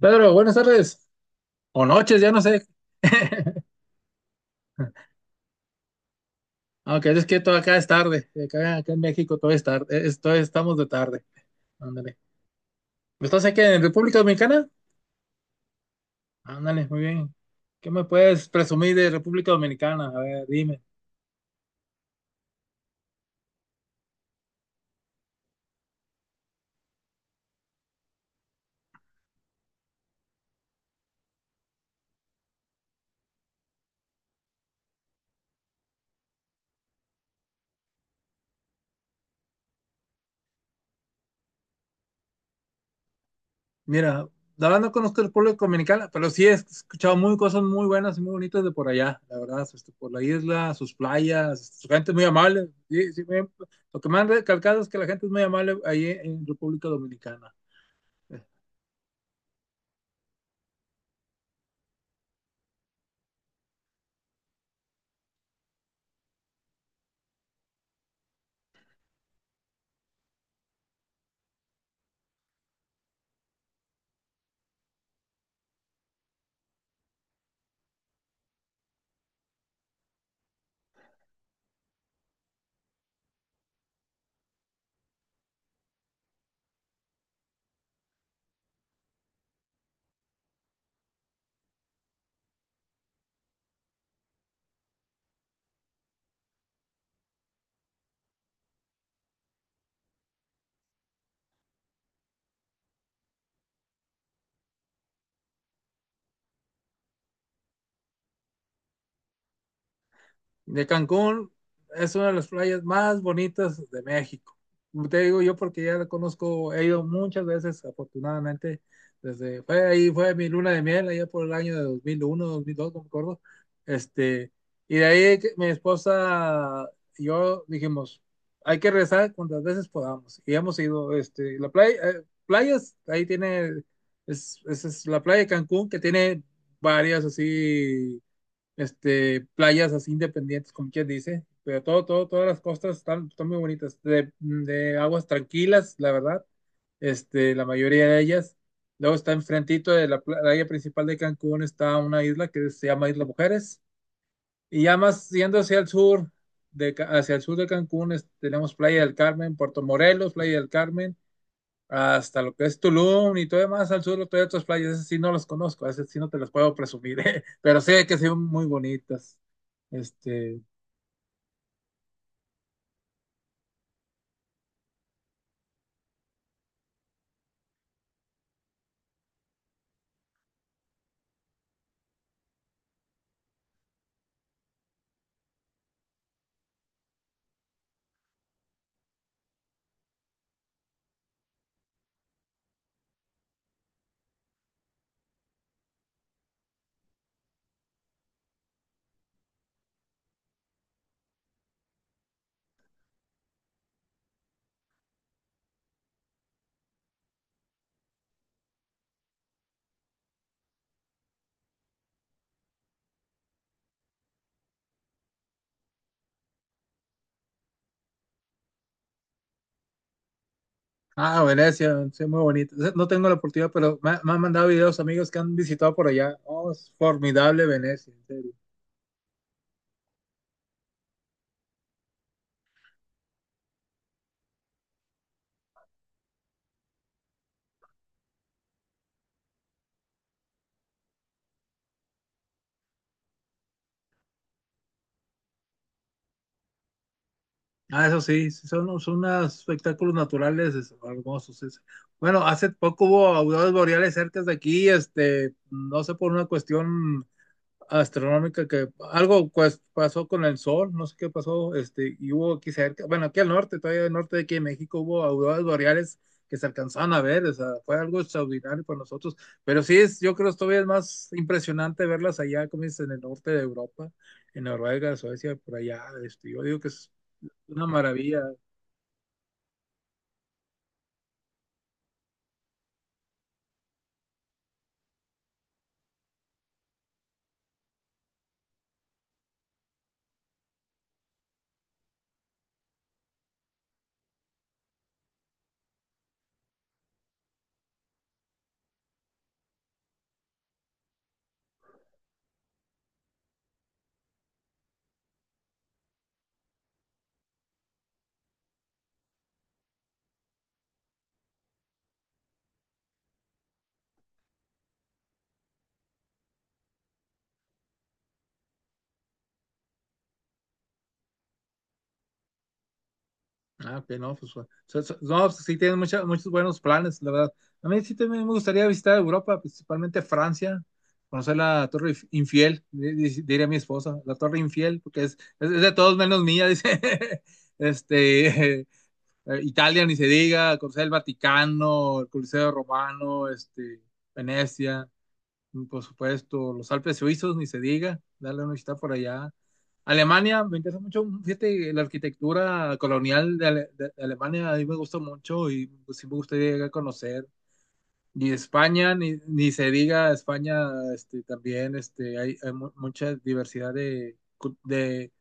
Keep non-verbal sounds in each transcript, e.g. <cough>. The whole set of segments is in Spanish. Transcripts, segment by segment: Pedro, buenas tardes. O noches, ya no sé. <laughs> Aunque es que todo acá es tarde. Acá en México todo es tarde. Todo estamos de tarde. Ándale. ¿Estás aquí en República Dominicana? Ándale, muy bien. ¿Qué me puedes presumir de República Dominicana? A ver, dime. Mira, la verdad no conozco el pueblo dominicano, pero sí he escuchado muy cosas muy buenas y muy bonitas de por allá. La verdad, este, por la isla, sus playas, su gente muy amable. Sí, sí, lo que me han recalcado es que la gente es muy amable ahí en República Dominicana. De Cancún es una de las playas más bonitas de México. Te digo yo porque ya la conozco, he ido muchas veces, afortunadamente, desde, fue ahí, fue mi luna de miel, allá por el año de 2001, 2002, no me acuerdo. Este, y de ahí que mi esposa y yo dijimos, hay que regresar cuantas veces podamos. Y hemos ido, este, la playa, playas, ahí tiene, es, esa es la playa de Cancún que tiene varias así este, playas así independientes, como quien dice, pero todo, todas las costas están, están muy bonitas, de aguas tranquilas, la verdad, este, la mayoría de ellas. Luego está enfrentito de la playa principal de Cancún, está una isla que se llama Isla Mujeres, y ya más yendo hacia el sur, de, hacia el sur de Cancún, tenemos Playa del Carmen, Playa del Carmen, hasta lo que es Tulum y todo demás al sur, todavía otras playas, esas sí no las conozco, esas sí no te las puedo presumir, <laughs> ¿eh? Pero sé que son muy bonitas. Este, ah, Venecia, sí, muy bonitas. No tengo la oportunidad, pero me han mandado videos amigos que han visitado por allá. Oh, es formidable Venecia, en serio. Ah, eso sí, sí, son, son unos espectáculos naturales hermosos. Bueno, hace poco hubo auroras boreales cerca de aquí, este, no sé por una cuestión astronómica que algo pues, pasó con el sol, no sé qué pasó, este, y hubo aquí cerca, bueno, aquí al norte, todavía al norte de aquí en México hubo auroras boreales que se alcanzaban a ver, o sea, fue algo extraordinario para nosotros, pero sí es, yo creo que todavía es más impresionante verlas allá, como dices, en el norte de Europa, en Noruega, Suecia, por allá, este, yo digo que es una maravilla. Ah, ok, no, pues, no, pues, sí tienen muchos buenos planes, la verdad. A mí sí también me gustaría visitar Europa, principalmente Francia, conocer la Infiel, diría mi esposa, la Torre Infiel, porque es, es de todos menos mía, <laughs> dice. Este, Italia, ni se diga, conocer el Vaticano, el Coliseo Romano, este, Venecia. Mm, por supuesto, los Alpes suizos, ni se diga, darle una visita por allá. Alemania, me interesa mucho, mm, fíjate, la arquitectura colonial de, de Alemania a mí me gusta mucho y pues, sí me gustaría llegar a conocer. Y España, ni se diga, España este, también este, hay mucha diversidad de, de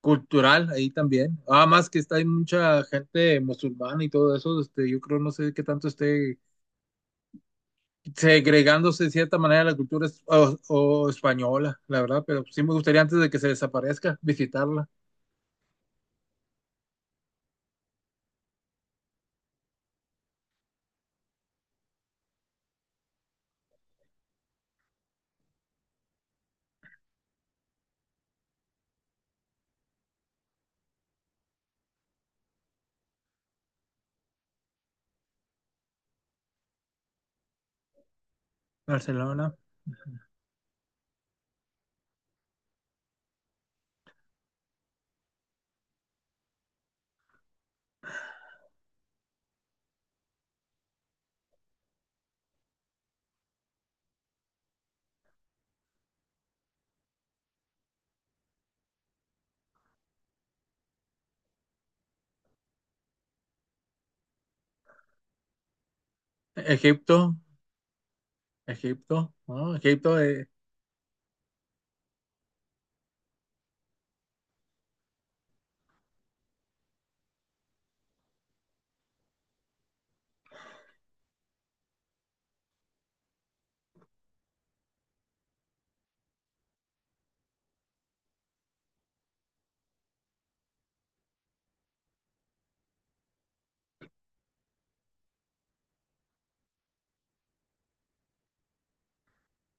cultural ahí también. Además que está, hay mucha gente musulmana y todo eso, este, yo creo, no sé qué tanto esté segregándose de cierta manera la cultura o española, la verdad, pero sí me gustaría antes de que se desaparezca visitarla. Barcelona, Egipto, Egipto, ¿no? Egipto,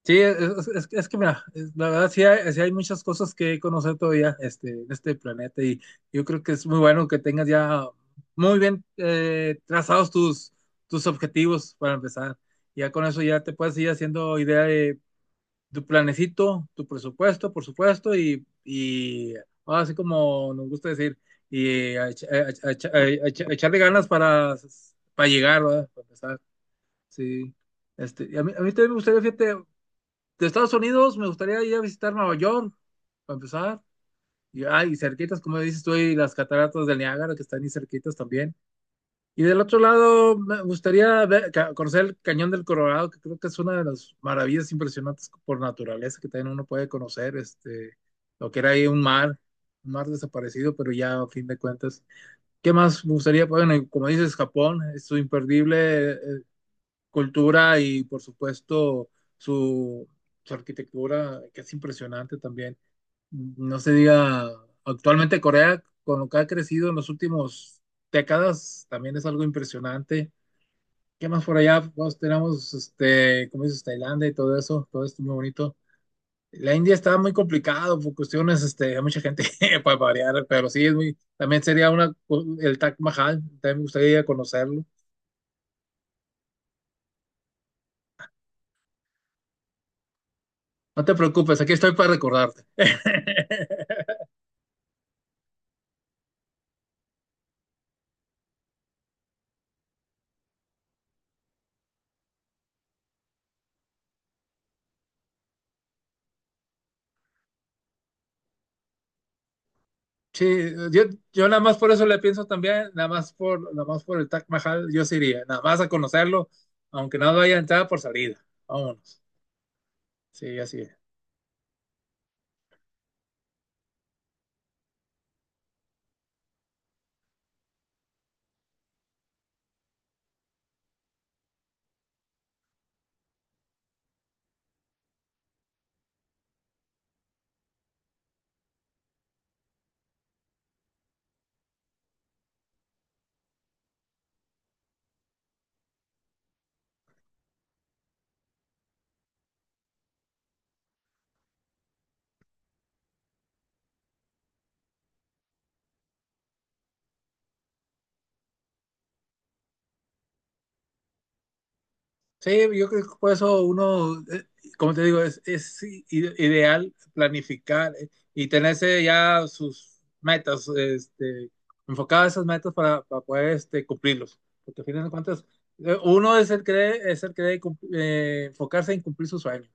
sí, es, es que mira, la verdad sí hay muchas cosas que conocer todavía este, en este planeta y yo creo que es muy bueno que tengas ya muy bien trazados tus, tus objetivos para empezar. Ya con eso ya te puedes ir haciendo idea de tu planecito, tu presupuesto, por supuesto, y ahora sí como nos gusta decir, y a, a echarle ganas para llegar, ¿verdad? Para empezar, sí. Este, y a mí también me gustaría, fíjate, de Estados Unidos me gustaría ir a visitar Nueva York, para empezar, y, ah, cerquitas, como dices tú, y las cataratas del Niágara, que están ahí cerquitas también. Y del otro lado, me gustaría conocer el Cañón del Colorado, que creo que es una de las maravillas impresionantes por naturaleza que también uno puede conocer, este, lo que era ahí un mar desaparecido, pero ya a fin de cuentas. ¿Qué más me gustaría? Bueno, y como dices, Japón, es su imperdible cultura y por supuesto su, su arquitectura, que es impresionante también. No se diga, actualmente Corea, con lo que ha crecido en los últimos décadas, también es algo impresionante. ¿Qué más por allá? Pues tenemos, este, como dices, Tailandia y todo eso, todo esto muy bonito. La India está muy complicado por cuestiones, este, hay mucha gente <laughs> para variar, pero sí, es muy, también sería una, el Taj Mahal, también me gustaría conocerlo. No te preocupes, aquí estoy para recordarte. <laughs> Sí, yo, yo nada más por eso le pienso también, nada más por, nada más por el Taj Mahal, yo sí iría, nada más a conocerlo, aunque no haya entrada por salida. Vámonos. Sí, así es. Sí, yo creo que por eso uno, como te digo, es, ideal planificar y tenerse ya sus metas, este, enfocadas esas metas para poder este, cumplirlos. Porque al final de cuentas, uno es el que debe, es el que debe enfocarse en cumplir sus sueños.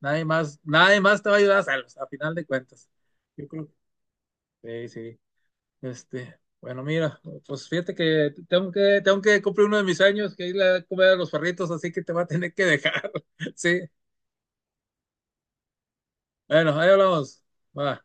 Nadie más, nadie más te va a ayudar a hacerlos, a final de cuentas. Yo creo. Sí, sí. Este, bueno, mira, pues fíjate que tengo que cumplir uno de mis años, que ir a comer a los perritos, así que te va a tener que dejar. <laughs> Sí, bueno, ahí hablamos. Va.